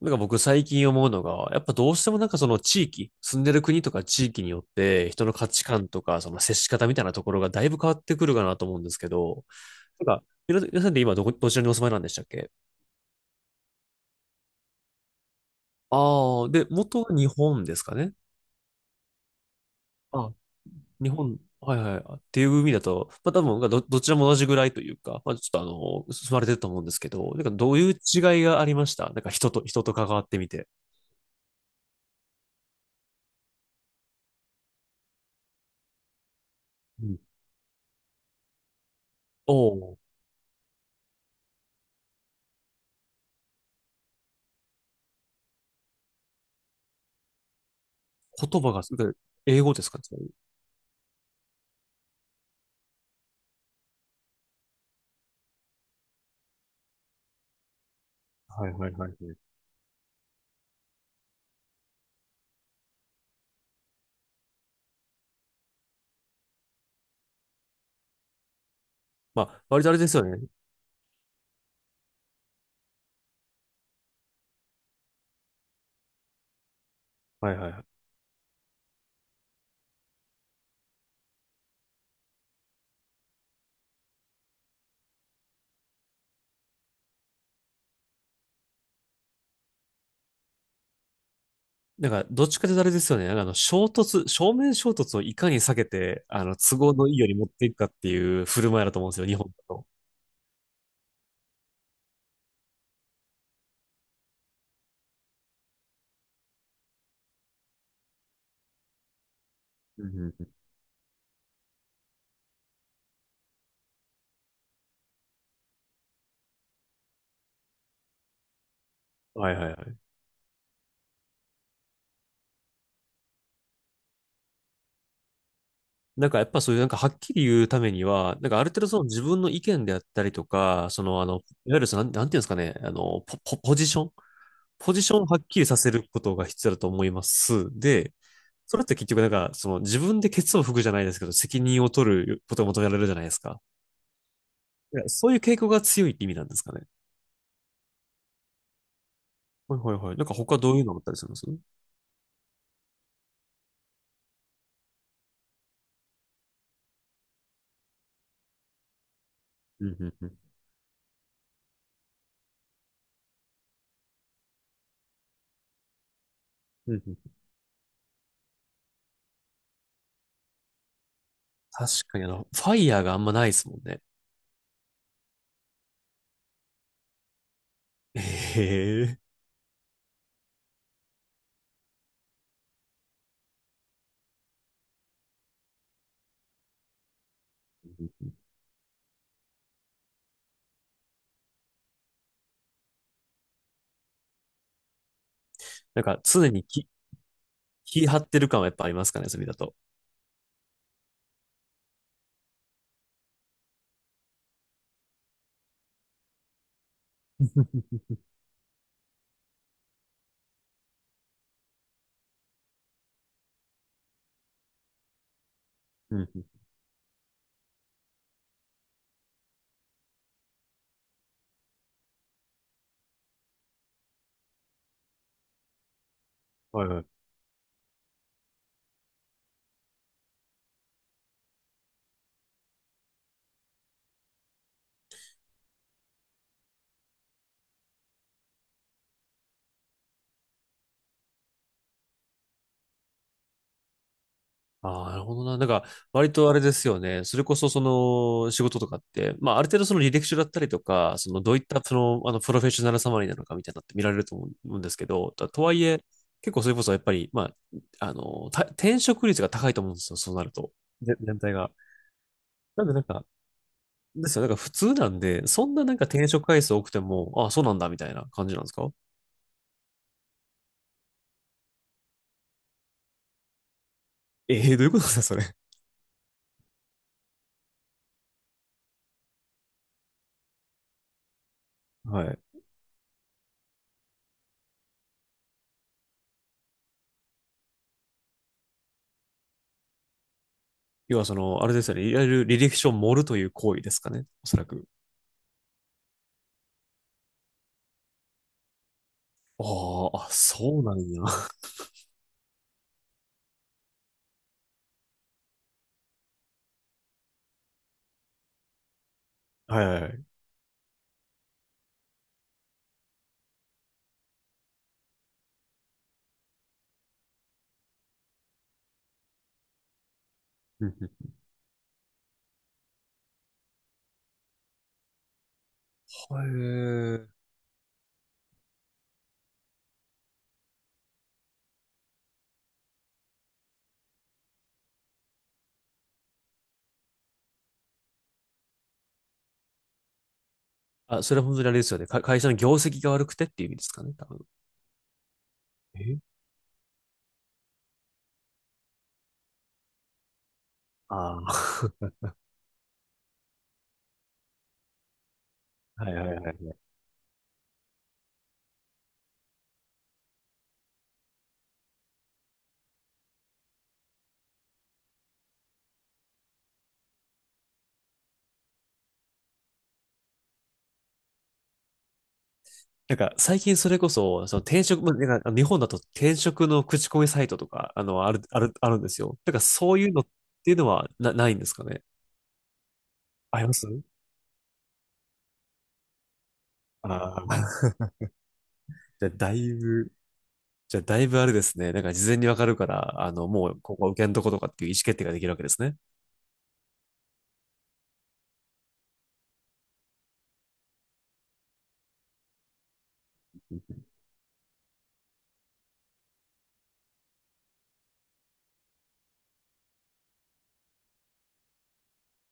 なんか僕最近思うのが、やっぱどうしてもその地域、住んでる国とか地域によって、人の価値観とか、その接し方みたいなところがだいぶ変わってくるかなと思うんですけど、皆さんで今どちらにお住まいなんでしたっけ。ああー、で、元は日本ですかね。あ、日本、はいはい。っていう意味だと、まあ多分どちらも同じぐらいというか、まあちょっと住まれてると思うんですけど、なんかどういう違いがありました、なんか人と、人と関わってみて。うん。お。お、言葉が、英語ですか。はいはいはいはい。まあ、割とあれですよね。はいはいはい。なんか、どっちかというとあれですよね。なんかあの、衝突、正面衝突をいかに避けて、あの、都合のいいように持っていくかっていう振る舞いだと思うんですよ、日本だと。うんうんうん。はいはいはい。なんかやっぱそういうなんかはっきり言うためには、なんかある程度その自分の意見であったりとか、いわゆるそのなんていうんですかね、あの、ポジション、ポジションをはっきりさせることが必要だと思います。で、それって結局なんか、その自分でケツを拭くじゃないですけど、責任を取ることが求められるじゃないですか。いや、そういう傾向が強いって意味なんですかね。はいはいはい。なんか他どういうのあったりするんです。うんうんうん。うんうん。確かにあの、ファイヤーがあんまないですもんね。へえ。なんか常にき、気張ってる感はやっぱありますかね、それだと。うんうん。はいはい。ああ、なるほどな。なんか、割とあれですよね。それこそ、その、仕事とかって、まあ、ある程度その履歴書だったりとか、その、どういった、その、あの、プロフェッショナルサマリーなのかみたいなのって見られると思うんですけど、とはいえ、結構それこそ、やっぱり、まあ、あの、転職率が高いと思うんですよ。そうなると。全体が。なんで、なんか、ですよ。なんか、普通なんで、そんななんか転職回数多くても、ああ、そうなんだ、みたいな感じなんですか。え、 えー、どういうことですか、それ。はい。要は、その、あれですよね。いわゆる履歴書を盛るという行為ですかね。おそらく。ああ、あ、そうなんや。はいはいはい。うんうん。へえ。あ、それは本当にあれですよね。か、会社の業績が悪くてっていう意味ですかね、多分。え。ああー。はいはいはいはい。なんか、最近それこそ、その転職、まあなんか日本だと転職の口コミサイトとか、あの、ある、ある、あるんですよ。なんか、そういうのっていうのはないんですかね。あります。ああー。じゃあ、だいぶ、じゃあ、だいぶあれですね。なんか、事前にわかるから、あの、もう、ここは受けんとことかっていう意思決定ができるわけですね。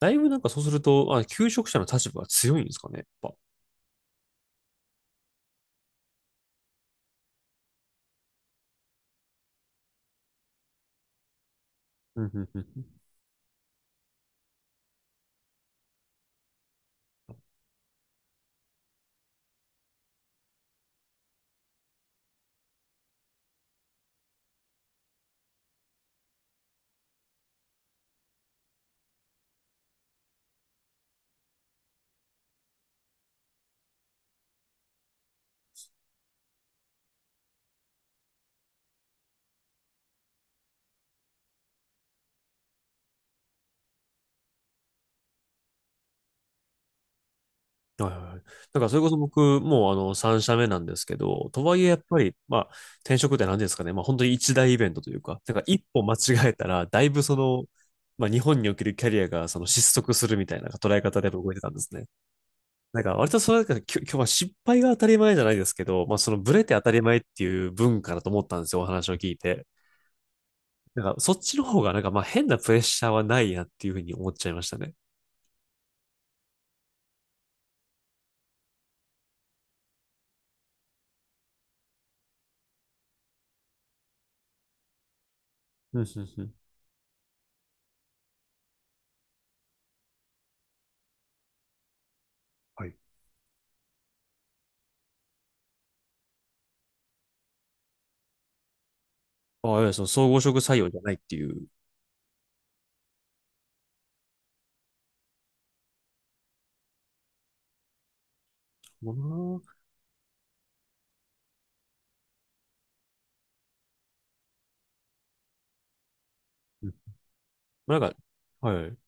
だいぶなんかそうすると、あ、求職者の立場が強いんですかね、やっぱ。うんうんうんうん。はいはいはい。だからそれこそ僕、もうあの、3社目なんですけど、とはいえやっぱり、まあ、転職って何ですかね、まあ本当に一大イベントというか、だから一歩間違えたら、だいぶその、まあ日本におけるキャリアがその失速するみたいな捉え方で動いてたんですね。なんか割とそれなんきょ今日は失敗が当たり前じゃないですけど、まあそのブレて当たり前っていう文化だと思ったんですよ、お話を聞いて。なんかそっちの方がなんかまあ変なプレッシャーはないなっていうふうに思っちゃいましたね。うん、うん、うん。はい。ああ、いやその総合職採用じゃないっていう。そうだな。うん。なんか、はい。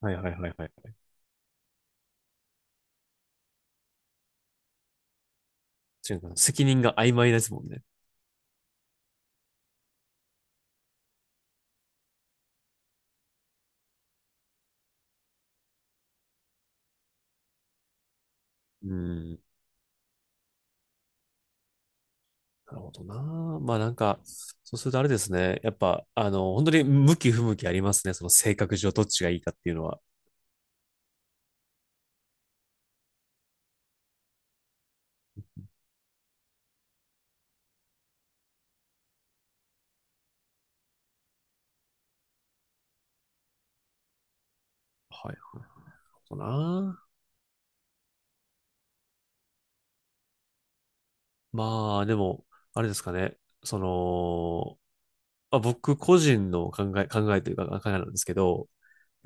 はいはいはいはい。違うかな。責任が曖昧ですもんね。うん。なるほどな。まあなんか、そうするとあれですね。やっぱ、あの、本当に向き不向きありますね。その性格上どっちがいいかっていうのは。はい。なるほどな。まあ、でも、あれですかね。その、まあ、僕個人の考え、考えというか考えなんですけど、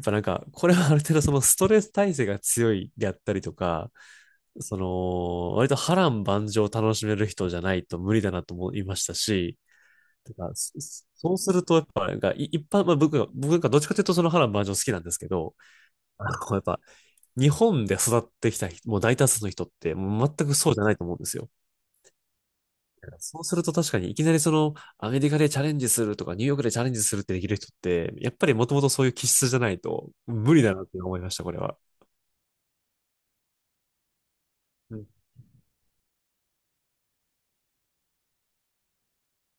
っぱなんか、これはある程度そのストレス耐性が強いであったりとか、その、割と波乱万丈を楽しめる人じゃないと無理だなと思いましたし、てかそそうすると、やっぱ、なんか、一般、まあ僕がどっちかというとその波乱万丈好きなんですけど、あの、やっぱ、日本で育ってきた人、もう大多数の人って、もう全くそうじゃないと思うんですよ。そうすると確かにいきなりそのアメリカでチャレンジするとかニューヨークでチャレンジするってできる人ってやっぱりもともとそういう気質じゃないと無理だなって思いました、これは。うん